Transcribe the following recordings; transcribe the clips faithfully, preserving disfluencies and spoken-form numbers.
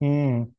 Hmm.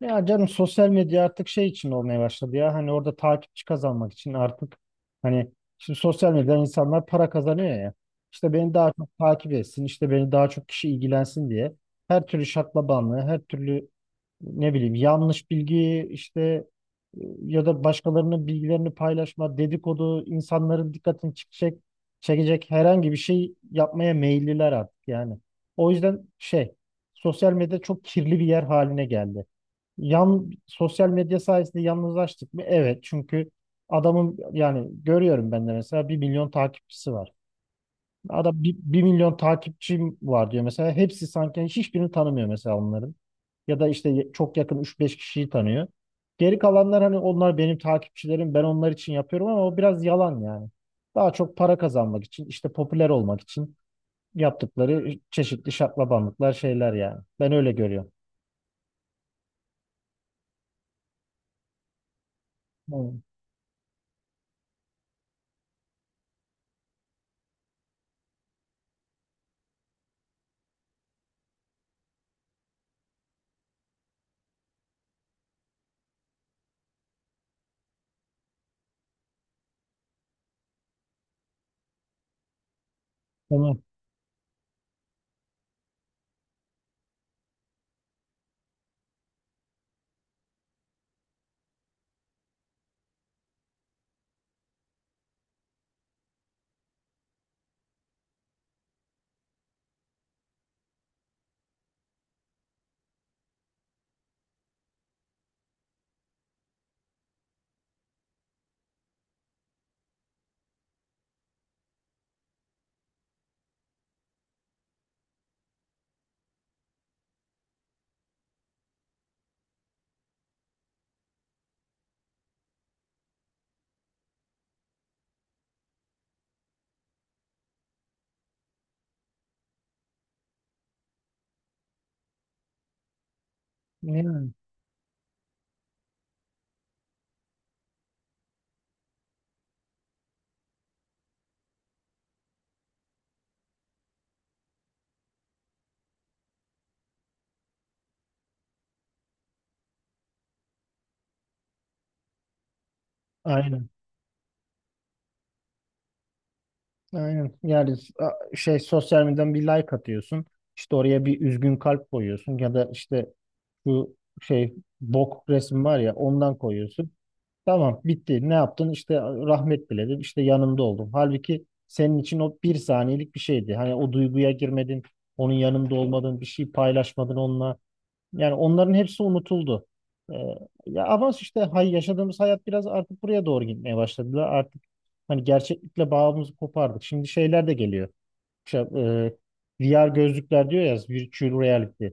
Ya canım sosyal medya artık şey için olmaya başladı ya. Hani orada takipçi kazanmak için artık hani şimdi sosyal medyadan insanlar para kazanıyor ya. İşte beni daha çok takip etsin, işte beni daha çok kişi ilgilensin diye her türlü şaklabanlığı, her türlü ne bileyim yanlış bilgi işte e, ya da başkalarının bilgilerini paylaşma, dedikodu, insanların dikkatini çekecek, çekecek herhangi bir şey yapmaya meyilliler artık yani. O yüzden şey sosyal medya çok kirli bir yer haline geldi. Yan, sosyal medya sayesinde yalnızlaştık mı? Evet. Çünkü adamın yani görüyorum ben de mesela bir milyon takipçisi var. Adam bir bir milyon takipçim var diyor mesela. Hepsi sanki yani hiçbirini tanımıyor mesela onların. Ya da işte ye- çok yakın üç beş kişiyi tanıyor. Geri kalanlar hani onlar benim takipçilerim ben onlar için yapıyorum ama o biraz yalan yani. Daha çok para kazanmak için işte popüler olmak için yaptıkları çeşitli şaklabanlıklar şeyler yani. Ben öyle görüyorum. Tamam. Tamam. Yani. Aynen. Aynen. Yani s- a- şey sosyal medyadan bir like atıyorsun. İşte oraya bir üzgün kalp koyuyorsun ya da işte şu şey bok resmi var ya ondan koyuyorsun. Tamam bitti. Ne yaptın? İşte rahmet diledim. İşte yanımda oldum. Halbuki senin için o bir saniyelik bir şeydi. Hani o duyguya girmedin. Onun yanımda olmadın. Bir şey paylaşmadın onunla. Yani onların hepsi unutuldu. Ee, ya ama işte hay yaşadığımız hayat biraz artık buraya doğru gitmeye başladılar. Artık hani gerçeklikle bağımızı kopardık. Şimdi şeyler de geliyor şey, e, V R gözlükler diyor ya virtual reality.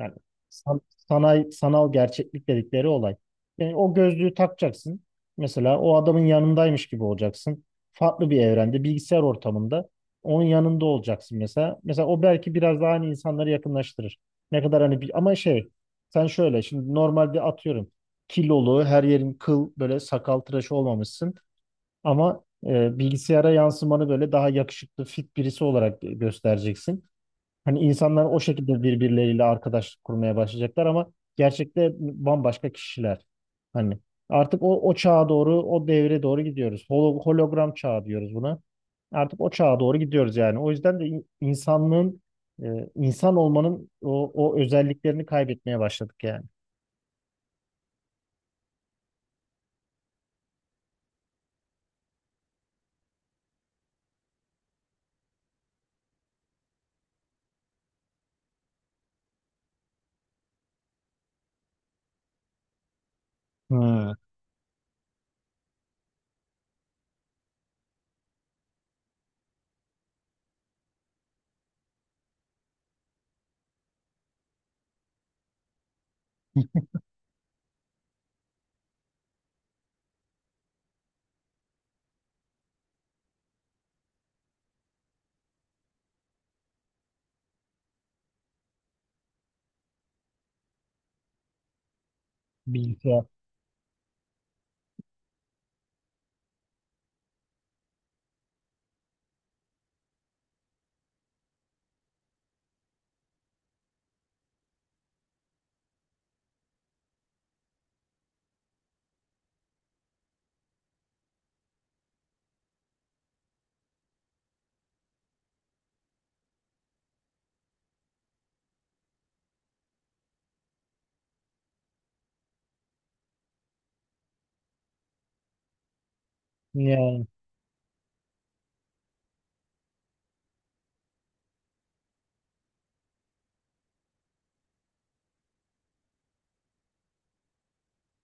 Yani san- sanay, sanal gerçeklik dedikleri olay. Yani o gözlüğü takacaksın. Mesela o adamın yanındaymış gibi olacaksın. Farklı bir evrende, bilgisayar ortamında onun yanında olacaksın mesela. Mesela o belki biraz daha hani insanları yakınlaştırır. Ne kadar hani bir, ama şey sen şöyle şimdi normalde atıyorum kilolu her yerin kıl böyle sakal tıraşı olmamışsın. Ama e, bilgisayara yansımanı böyle daha yakışıklı, fit birisi olarak gö- göstereceksin. Hani insanlar o şekilde birbirleriyle arkadaşlık kurmaya başlayacaklar ama gerçekte bambaşka kişiler. Hani artık o, o çağa doğru, o devre doğru gidiyoruz. Holo- hologram çağı diyoruz buna. Artık o çağa doğru gidiyoruz yani. O yüzden de in- insanlığın, e, insan olmanın o, o özelliklerini kaybetmeye başladık yani. Ha. Bilgisayar.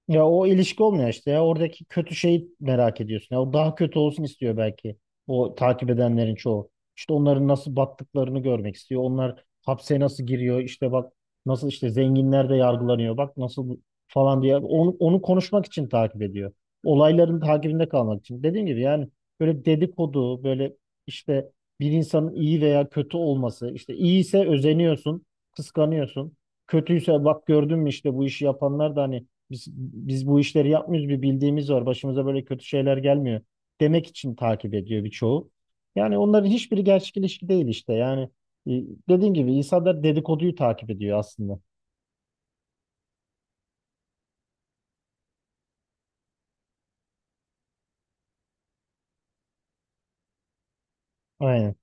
Ya o ilişki olmuyor işte ya. Oradaki kötü şeyi merak ediyorsun. Ya o daha kötü olsun istiyor belki. O takip edenlerin çoğu. İşte onların nasıl battıklarını görmek istiyor. Onlar hapse nasıl giriyor. İşte bak nasıl işte zenginler de yargılanıyor. Bak nasıl falan diye. Onu, onu konuşmak için takip ediyor. Olayların takibinde kalmak için. Dediğim gibi yani böyle dedikodu, böyle işte bir insanın iyi veya kötü olması. İşte iyiyse özeniyorsun, kıskanıyorsun. Kötüyse bak gördün mü işte bu işi yapanlar da hani biz, biz bu işleri yapmıyoruz bir bildiğimiz var. Başımıza böyle kötü şeyler gelmiyor demek için takip ediyor birçoğu. Yani onların hiçbiri gerçek ilişki değil işte. Yani e, dediğim gibi insanlar dedikoduyu takip ediyor aslında. Aynen.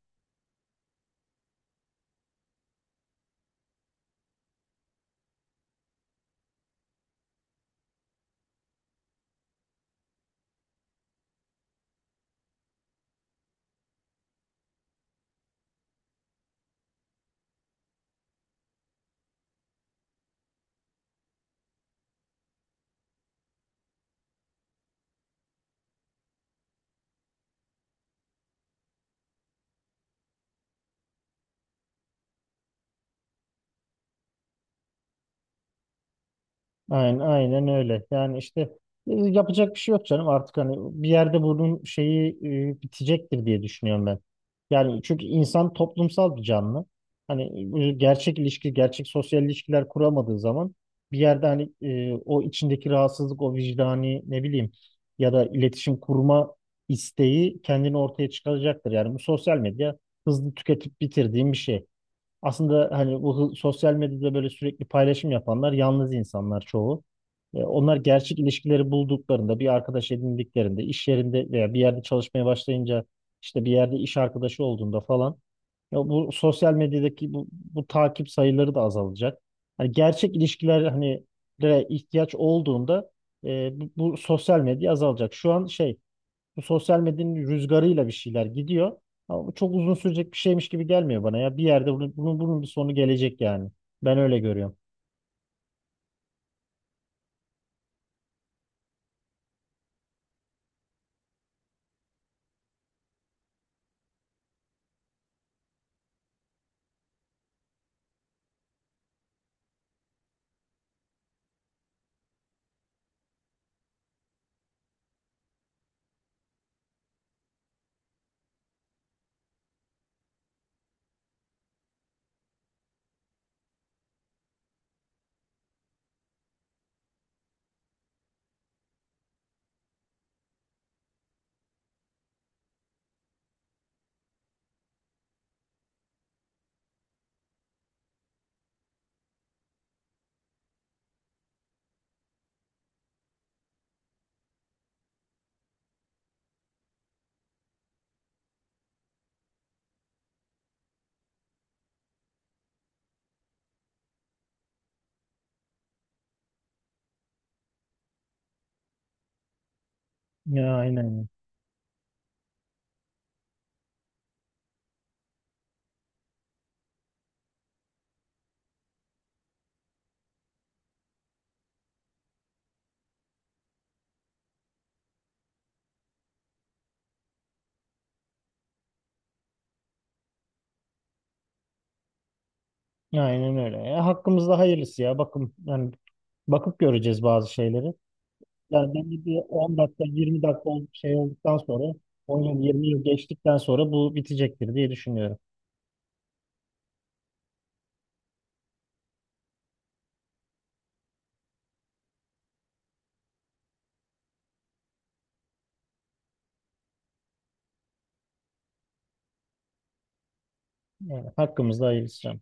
Aynen, aynen öyle. Yani işte e, yapacak bir şey yok canım artık hani bir yerde bunun şeyi e, bitecektir diye düşünüyorum ben. Yani çünkü insan toplumsal bir canlı. Hani e, gerçek ilişki, gerçek sosyal ilişkiler kuramadığı zaman bir yerde hani e, o içindeki rahatsızlık, o vicdani ne bileyim ya da iletişim kurma isteği kendini ortaya çıkaracaktır. Yani bu sosyal medya hızlı tüketip bitirdiğim bir şey. Aslında hani bu hı- sosyal medyada böyle sürekli paylaşım yapanlar yalnız insanlar çoğu. E, Onlar gerçek ilişkileri bulduklarında, bir arkadaş edindiklerinde, iş yerinde veya bir yerde çalışmaya başlayınca, işte bir yerde iş arkadaşı olduğunda falan ya bu sosyal medyadaki bu, bu takip sayıları da azalacak. Hani gerçek ilişkiler hani lere ihtiyaç olduğunda e, bu, bu sosyal medya azalacak. Şu an şey bu sosyal medyanın rüzgarıyla bir şeyler gidiyor. Ama bu çok uzun sürecek bir şeymiş gibi gelmiyor bana ya. Bir yerde bunun, bunun, bunun bir sonu gelecek yani. Ben öyle görüyorum. Ya aynen. Ya aynen öyle. Ya, hakkımızda hayırlısı ya. Bakın yani bakıp göreceğiz bazı şeyleri. Yani bence bir on dakika yirmi dakika ol- şey olduktan sonra on yıl yirmi yıl geçtikten sonra bu bitecektir diye düşünüyorum. Yani hakkımızda hayırlısı.